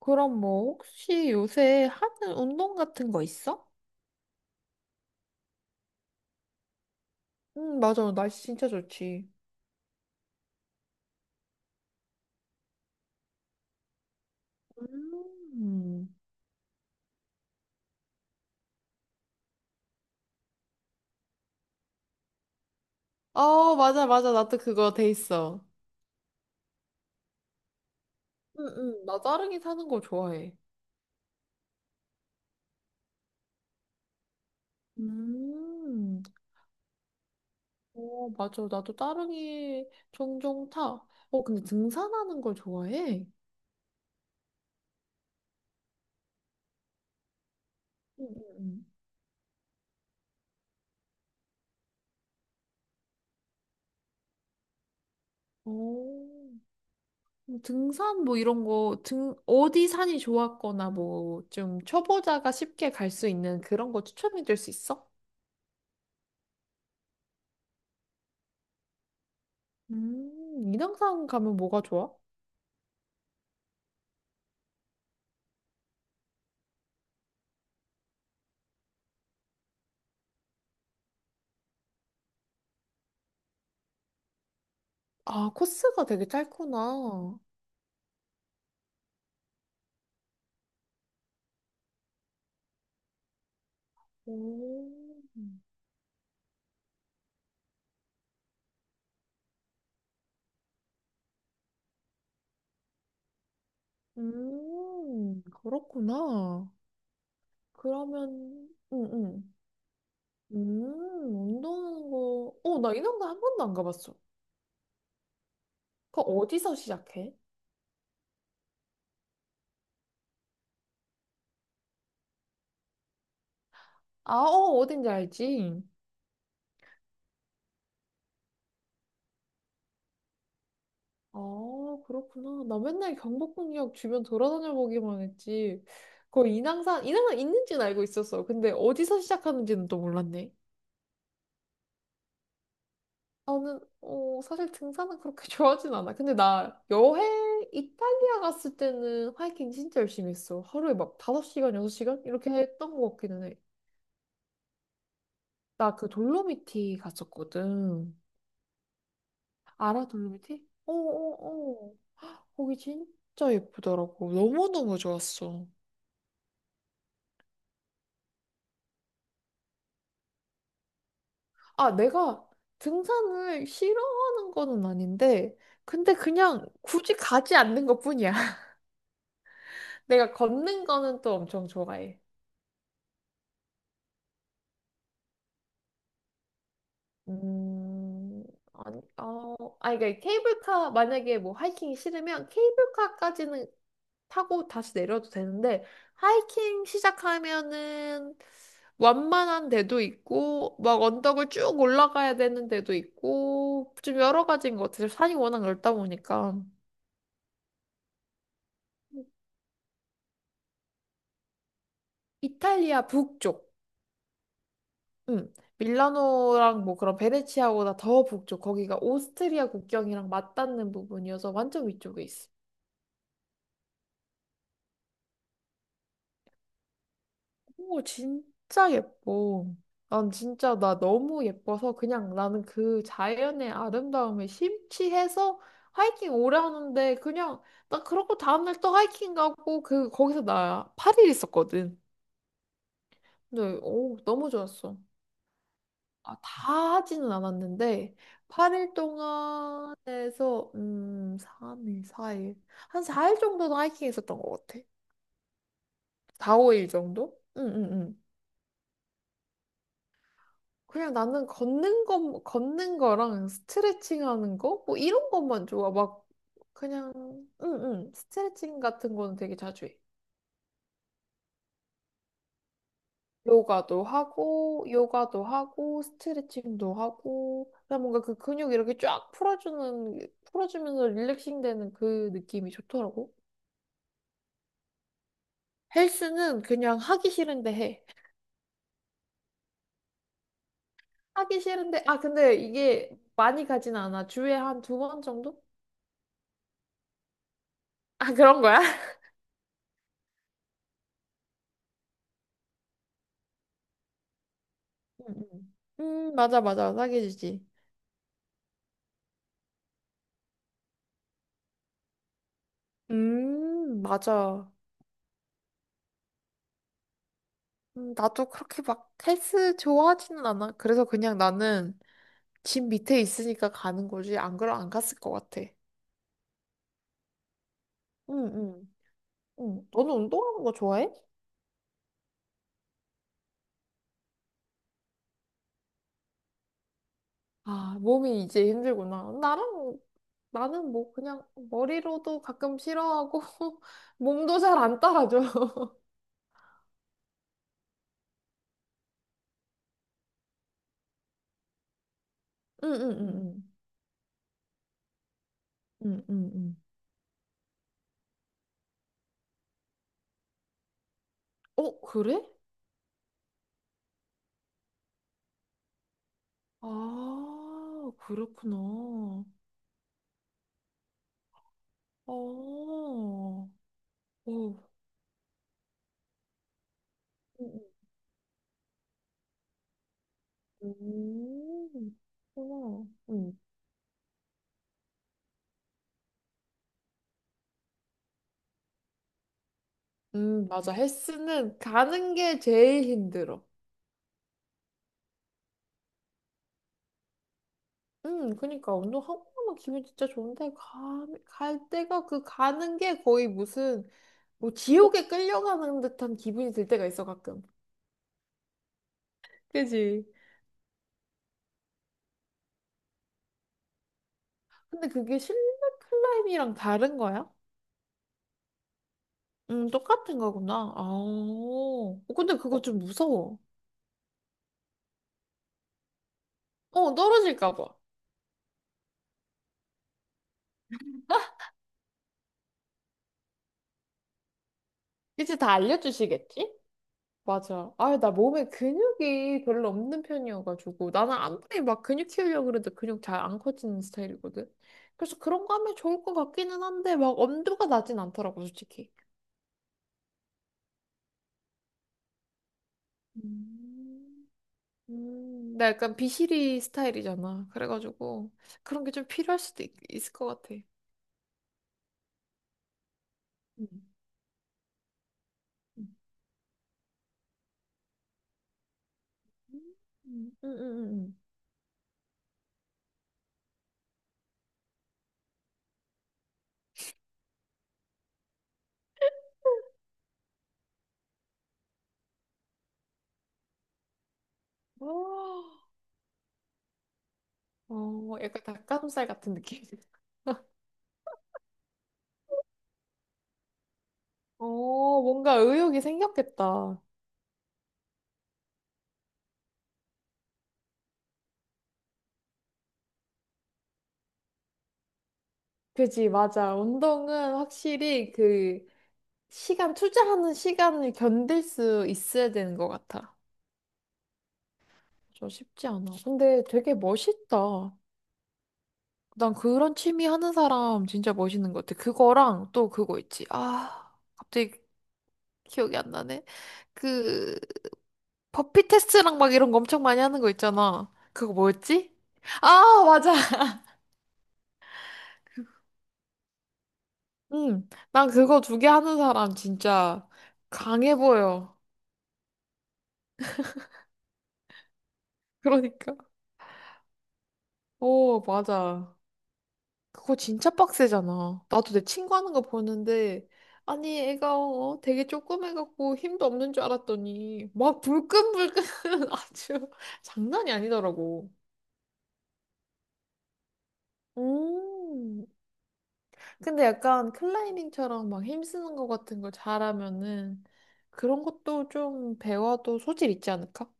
그럼 뭐 혹시 요새 하는 운동 같은 거 있어? 응, 맞아. 날씨 진짜 좋지. 음, 어, 맞아, 맞아. 나 또 그거 돼 있어. 응, 응. 나 따릉이 타는 거 좋아해. 음, 어, 맞아. 나도 따릉이 종종 타. 어, 근데 등산하는 걸 좋아해? 응응. 어, 그럼 등산 뭐 이런 거, 어디 산이 좋았거나 뭐 좀 초보자가 쉽게 갈 수 있는 그런 거 추천해 줄 수 있어? 인왕산 가면 뭐가 좋아? 아, 코스가 되게 짧구나. 오, 그렇구나. 그러면, 응, 응. 운동하는 거. 어, 나 인왕산 한 번도 안 가봤어. 그거 어디서 시작해? 아, 어, 어딘지 알지? 아, 그렇구나. 나 맨날 경복궁역 주변 돌아다녀 보기만 했지. 그 인왕산, 인왕산 있는지는 알고 있었어. 근데 어디서 시작하는지는 또 몰랐네. 나는 어, 사실 등산은 그렇게 좋아하진 않아. 근데 나 여행 이탈리아 갔을 때는 하이킹 진짜 열심히 했어. 하루에 막 5시간, 6시간 이렇게 했던 것 같기는 해. 나 그 돌로미티 갔었거든. 알아, 돌로미티? 어어어. 거기 진짜 예쁘더라고. 너무너무 좋았어. 아, 내가 등산을 싫어하는 거는 아닌데, 근데 그냥 굳이 가지 않는 것뿐이야. 내가 걷는 거는 또 엄청 좋아해. 음, 아니, 어, 아니, 그러니까 케이블카, 만약에 뭐 하이킹이 싫으면 케이블카까지는 타고 다시 내려도 되는데, 하이킹 시작하면은 완만한 데도 있고, 막 언덕을 쭉 올라가야 되는 데도 있고, 좀 여러 가지인 것 같아요. 산이 워낙 넓다 보니까. 이탈리아 북쪽, 음, 밀라노랑 뭐 그런 베네치아보다 더 북쪽, 거기가 오스트리아 국경이랑 맞닿는 부분이어서 완전 위쪽에 있어. 오, 진짜 예뻐. 난 진짜 나 너무 예뻐서 그냥 나는 그 자연의 아름다움에 심취해서 하이킹 오래 하는데 그냥 나 그러고 다음날 또 하이킹 가고 그 거기서 나 8일 있었거든. 근데 오, 너무 좋았어. 아, 다 하지는 않았는데 8일 동안에서 3일, 4일. 한 4일 정도는 하이킹 했었던 것 같아. 4, 5일 정도? 응, 응, 응. 그냥 나는 걷는 거, 걷는 거랑 스트레칭 하는 거? 뭐 이런 것만 좋아. 막, 그냥, 응, 응. 스트레칭 같은 거는 되게 자주 해. 요가도 하고, 요가도 하고, 스트레칭도 하고, 그냥 뭔가 그 근육 이렇게 쫙 풀어주는, 풀어주면서 릴렉싱 되는 그 느낌이 좋더라고. 헬스는 그냥 하기 싫은데 해. 하기 싫은데, 아, 근데 이게 많이 가진 않아. 주에 한 두 번 정도? 아, 그런 거야? 응, 응. 맞아, 맞아. 사귀지지 맞아. 나도 그렇게 막 헬스 좋아하지는 않아. 그래서 그냥 나는 집 밑에 있으니까 가는 거지. 안 그럼 안 갔을 것 같아. 응, 응. 응. 너는 운동하는 거 좋아해? 아, 몸이 이제 힘들구나. 나랑, 나는 뭐 그냥 머리로도 가끔 싫어하고, 몸도 잘 안 따라줘. 응, 응, 응, 응. 응, 응, 응. 어, 그래? 아, 그렇구나. 어, 어. 음, 그렇구나. 음. 맞아. 헬스는 가는 게 제일 힘들어. 그니까 운동하고 나면 기분 진짜 좋은데 갈 때가 그 가는 게 거의 무슨 뭐 지옥에 끌려가는 듯한 기분이 들 때가 있어 가끔. 그지? 근데 그게 실내 클라이밍이랑 다른 거야? 똑같은 거구나. 아, 어, 근데 그거 좀 무서워. 어, 떨어질까 봐. 이제 다 알려주시겠지? 맞아. 아, 나 몸에 근육이 별로 없는 편이어가지고 나는 아무리 막 근육 키우려고 그래도 근육 잘 안 커지는 스타일이거든. 그래서 그런 거 하면 좋을 것 같기는 한데 막 엄두가 나진 않더라고, 솔직히. 음. 나 약간 비실이 스타일이잖아. 그래가지고 그런 게 좀 필요할 수도 있을 것 같아. 음. 음, 음, 음, 어, 어, 어, 약간 닭가슴살 같은 느낌. 어, 뭔가 의욕이 생겼겠다. 그지, 맞아. 운동은 확실히 그 시간, 투자하는 시간을 견딜 수 있어야 되는 것 같아. 저 쉽지 않아. 근데 되게 멋있다. 난 그런 취미 하는 사람 진짜 멋있는 것 같아. 그거랑 또 그거 있지. 아, 갑자기 기억이 안 나네. 그, 버피 테스트랑 막 이런 거 엄청 많이 하는 거 있잖아. 그거 뭐였지? 아, 맞아. 응, 난 그거 두 개 하는 사람 진짜 강해 보여. 그러니까. 오, 맞아. 그거 진짜 빡세잖아. 나도 내 친구 하는 거 보는데, 아니, 애가 어, 되게 조그매갖고 힘도 없는 줄 알았더니, 막 불끈불끈 아주 장난이 아니더라고. 음. 근데 약간 클라이밍처럼 막 힘쓰는 거 같은 걸 잘하면은 그런 것도 좀 배워도 소질 있지 않을까?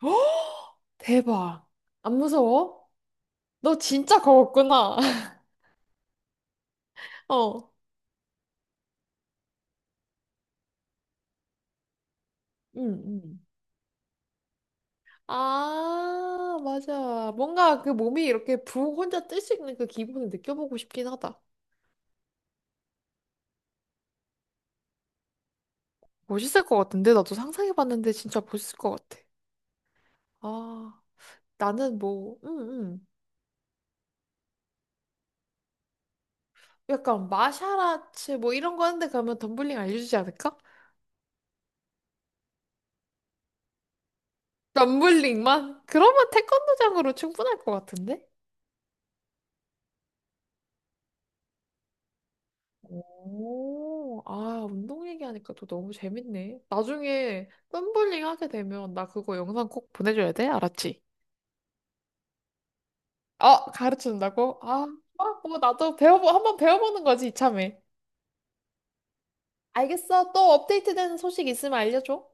대박. 안 무서워? 너 진짜 거웠구나. 어. 응, 응. 아, 맞아. 뭔가 그 몸이 이렇게 붕 혼자 뜰 수 있는 그 기분을 느껴보고 싶긴 하다. 멋있을 것 같은데? 나도 상상해봤는데 진짜 멋있을 것 같아. 아, 나는 뭐, 응응 약간 마샤라츠 뭐 이런 거 하는데 가면 덤블링 알려주지 않을까? 덤블링만? 그러면 태권도장으로 충분할 것 같은데? 오, 아, 운동 얘기하니까 또 너무 재밌네. 나중에 덤블링 하게 되면 나 그거 영상 꼭 보내줘야 돼? 알았지? 어, 가르쳐준다고? 아, 어, 뭐 나도 배워보 한번 배워보는 거지 이참에. 알겠어. 또 업데이트되는 소식 있으면 알려줘.